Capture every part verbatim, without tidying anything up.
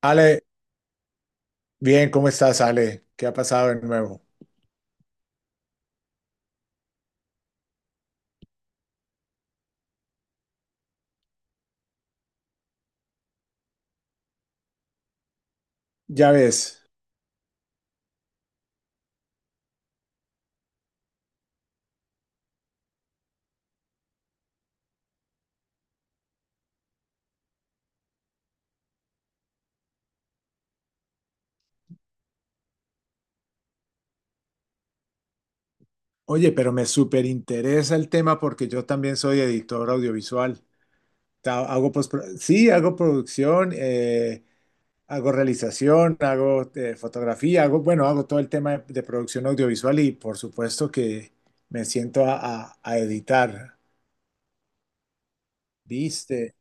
Ale, bien, ¿cómo estás, Ale? ¿Qué ha pasado de nuevo? Ya ves. Oye, pero me súper interesa el tema porque yo también soy editor audiovisual. Ta- Hago postpro- sí, hago producción, eh, hago realización, hago eh, fotografía, hago, bueno, hago todo el tema de, de producción audiovisual y por supuesto que me siento a, a- a editar. ¿Viste?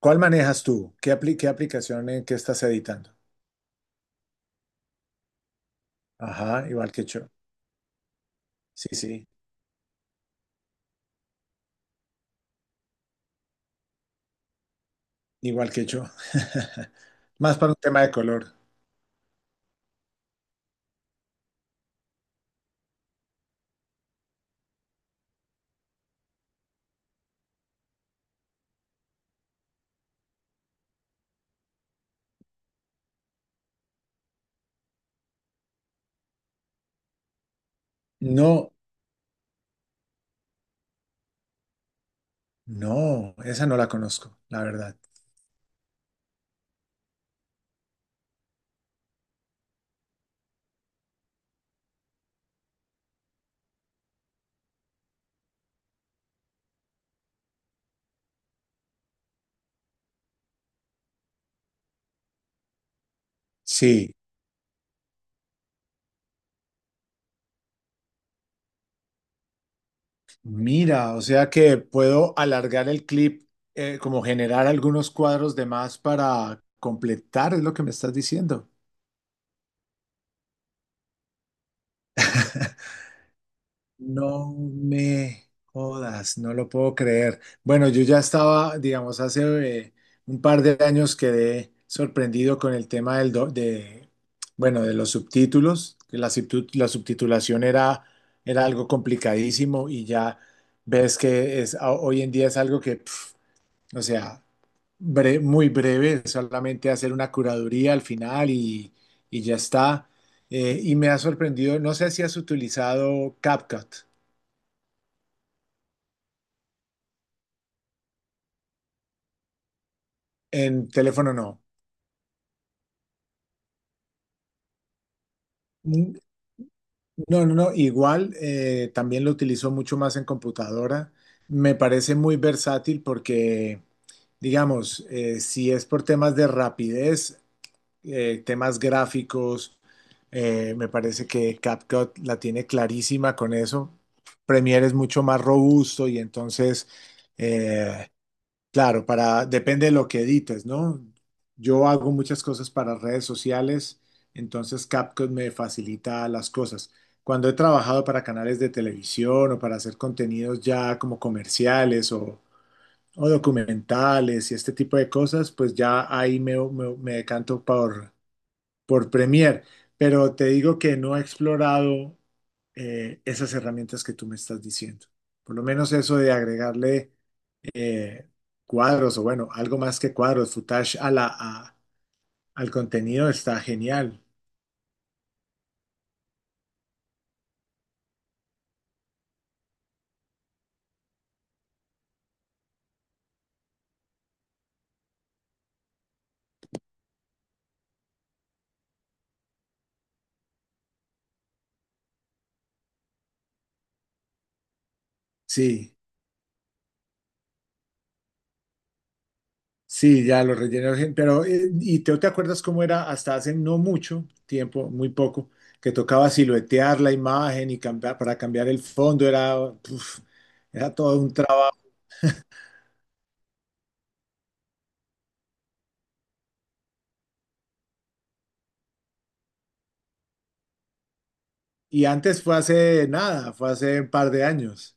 ¿Cuál manejas tú? ¿Qué apli- qué aplicación en qué estás editando? Ajá, igual que yo. Sí, sí. Igual que yo. Más para un tema de color. No, no, esa no la conozco, la verdad. Sí, mira, o sea que puedo alargar el clip, eh, como generar algunos cuadros de más para completar, es lo que me estás diciendo. No me jodas, no lo puedo creer. Bueno, yo ya estaba, digamos, hace eh, un par de años quedé sorprendido con el tema del do- de, bueno, de los subtítulos, que la, subtu- la subtitulación era, era algo complicadísimo y ya ves que es, a- hoy en día es algo que, pf, o sea, bre- muy breve, solamente hacer una curaduría al final y, y ya está. Eh, y me ha sorprendido, no sé si has utilizado CapCut. En teléfono no. Mm, no, no, no. Igual eh, también lo utilizo mucho más en computadora. Me parece muy versátil porque, digamos, eh, si es por temas de rapidez, eh, temas gráficos, eh, me parece que CapCut la tiene clarísima con eso. Premiere es mucho más robusto y entonces eh, claro, para, depende de lo que edites, ¿no? Yo hago muchas cosas para redes sociales, entonces CapCut me facilita las cosas. Cuando he trabajado para canales de televisión o para hacer contenidos ya como comerciales o, o documentales y este tipo de cosas, pues ya ahí me, me- me decanto por, por Premiere. Pero te digo que no he explorado eh, esas herramientas que tú me estás diciendo. Por lo menos eso de agregarle eh, cuadros o bueno, algo más que cuadros, footage a la, a- al contenido está genial. Sí, sí, ya lo rellené, gen- pero eh, ¿y te, te acuerdas cómo era hasta hace no mucho tiempo, muy poco, que tocaba siluetear la imagen y cambiar, para cambiar el fondo era, uf, era todo un trabajo. Y antes fue hace nada, fue hace un par de años.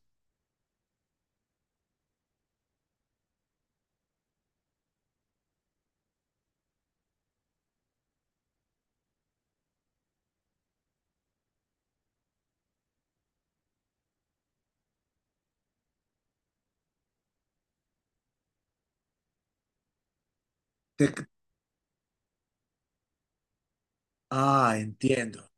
Te- ah, entiendo.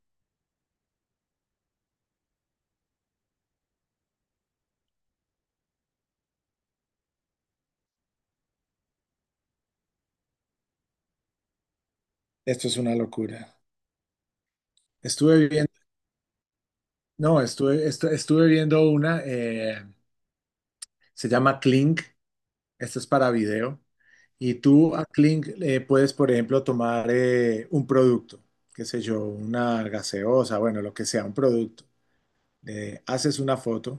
Esto es una locura. Estuve viendo, no, estuve, estu- estuve viendo una. eh, Se llama Kling. Esto es para video. Y tú a Kling eh, puedes, por ejemplo, tomar eh, un producto, qué sé yo, una gaseosa, bueno, lo que sea, un producto. Le haces una foto,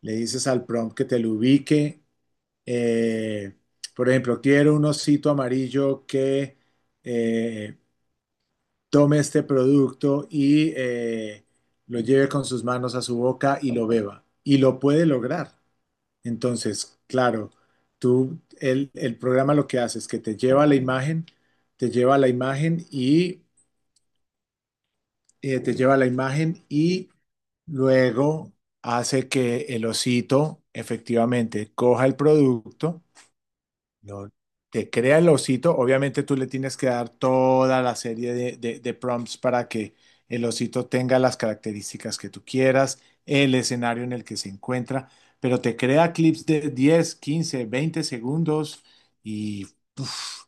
le dices al prompt que te lo ubique. eh, por ejemplo, quiero un osito amarillo que eh, tome este producto y eh, lo lleve con sus manos a su boca y lo beba. Y lo puede lograr. Entonces, claro, tú, el, el programa lo que hace es que te lleva a la imagen, te lleva a la imagen y eh, te lleva a la imagen y luego hace que el osito efectivamente coja el producto no, te crea el osito. Obviamente tú le tienes que dar toda la serie de, de- de prompts para que el osito tenga las características que tú quieras, el escenario en el que se encuentra, pero te crea clips de diez, quince, veinte segundos y uf,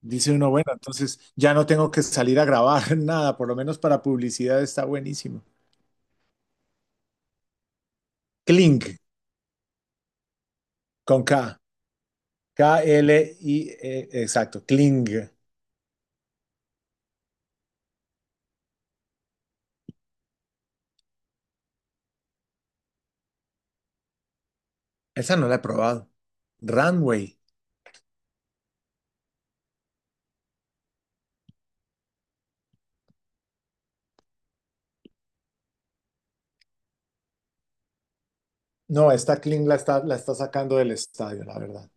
dice uno, bueno, entonces ya no tengo que salir a grabar nada, por lo menos para publicidad está buenísimo. Kling, con K, K-L-I, -E, exacto, Kling. Esa no la he probado. Runway. No, esta Kling la está, la está sacando del estadio, la verdad.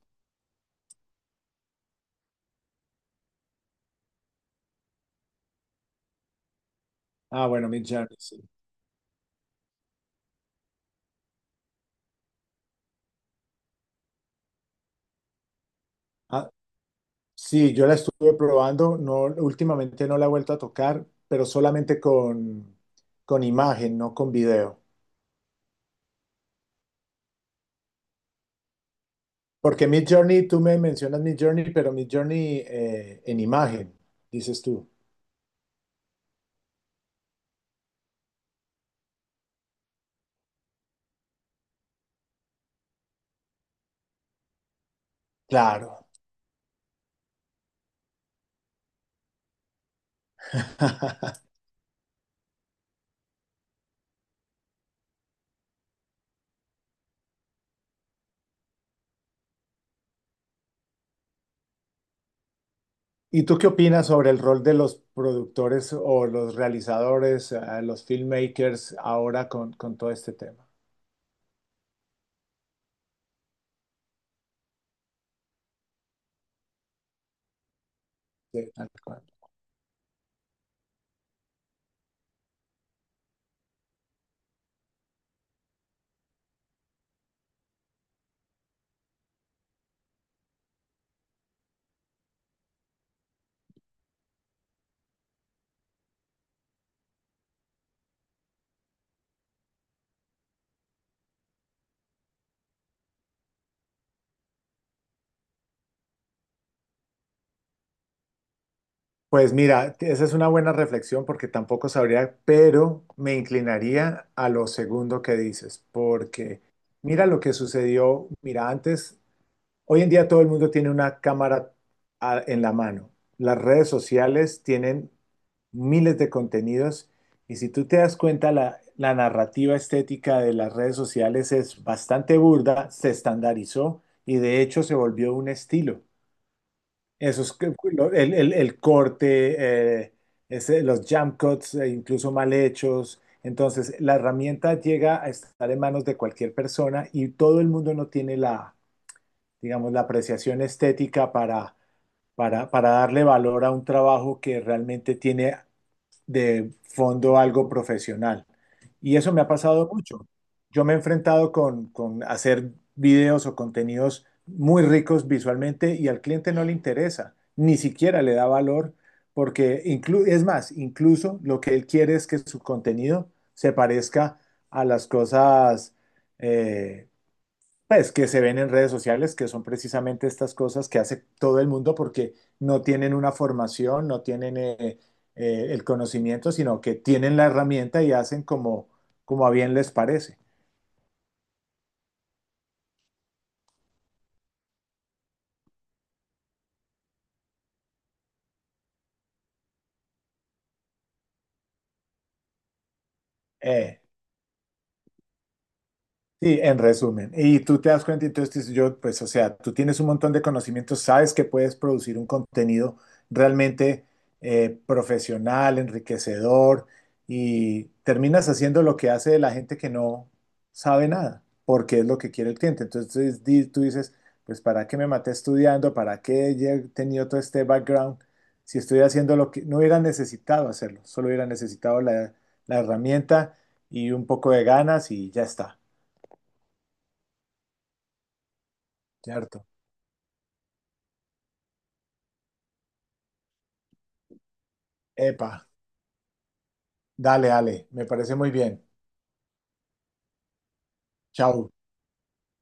Ah, bueno, Mid Journey, sí. Ah, sí, yo la estuve probando, no, últimamente no la he vuelto a tocar, pero solamente con, con imagen, no con video. Porque Mid Journey, tú me mencionas Mid Journey, pero Mid Journey eh, en imagen, dices tú. Claro. ¿Y tú qué opinas sobre el rol de los productores o los realizadores, eh, los filmmakers ahora con, con todo este tema? Sí, tal cual. Pues mira, esa es una buena reflexión porque tampoco sabría, pero me inclinaría a lo segundo que dices, porque mira lo que sucedió, mira, antes. Hoy en día todo el mundo tiene una cámara a- en la mano. Las redes sociales tienen miles de contenidos y si tú te das cuenta, la, la narrativa estética de las redes sociales es bastante burda, se estandarizó y de hecho se volvió un estilo. Eso es que- lo- el, el- el corte, eh, ese- los jump cuts, eh, incluso mal hechos. Entonces, la herramienta llega a estar en manos de cualquier persona y todo el mundo no tiene la, digamos, la apreciación estética para, para, para darle valor a un trabajo que realmente tiene de fondo algo profesional. Y eso me ha pasado mucho. Yo me he enfrentado con, con hacer videos o contenidos muy ricos visualmente y al cliente no le interesa, ni siquiera le da valor, porque inclu- es más, incluso lo que él quiere es que su contenido se parezca a las cosas eh, pues que se ven en redes sociales, que son precisamente estas cosas que hace todo el mundo porque no tienen una formación, no tienen eh, eh, el conocimiento, sino que tienen la herramienta y hacen como, como a bien les parece. Eh, Sí, en resumen. Y tú te das cuenta, entonces dices yo, pues, o sea, tú tienes un montón de conocimientos, sabes que puedes producir un contenido realmente eh, profesional, enriquecedor, y terminas haciendo lo que hace la gente que no sabe nada, porque es lo que quiere el cliente. Entonces di- tú dices, pues, ¿para qué me maté estudiando? ¿Para qué he tenido todo este background? Si estoy haciendo lo que no hubiera necesitado hacerlo, solo hubiera necesitado la la herramienta y un poco de ganas y ya está. Cierto. Epa. Dale, dale. Me parece muy bien. Chao.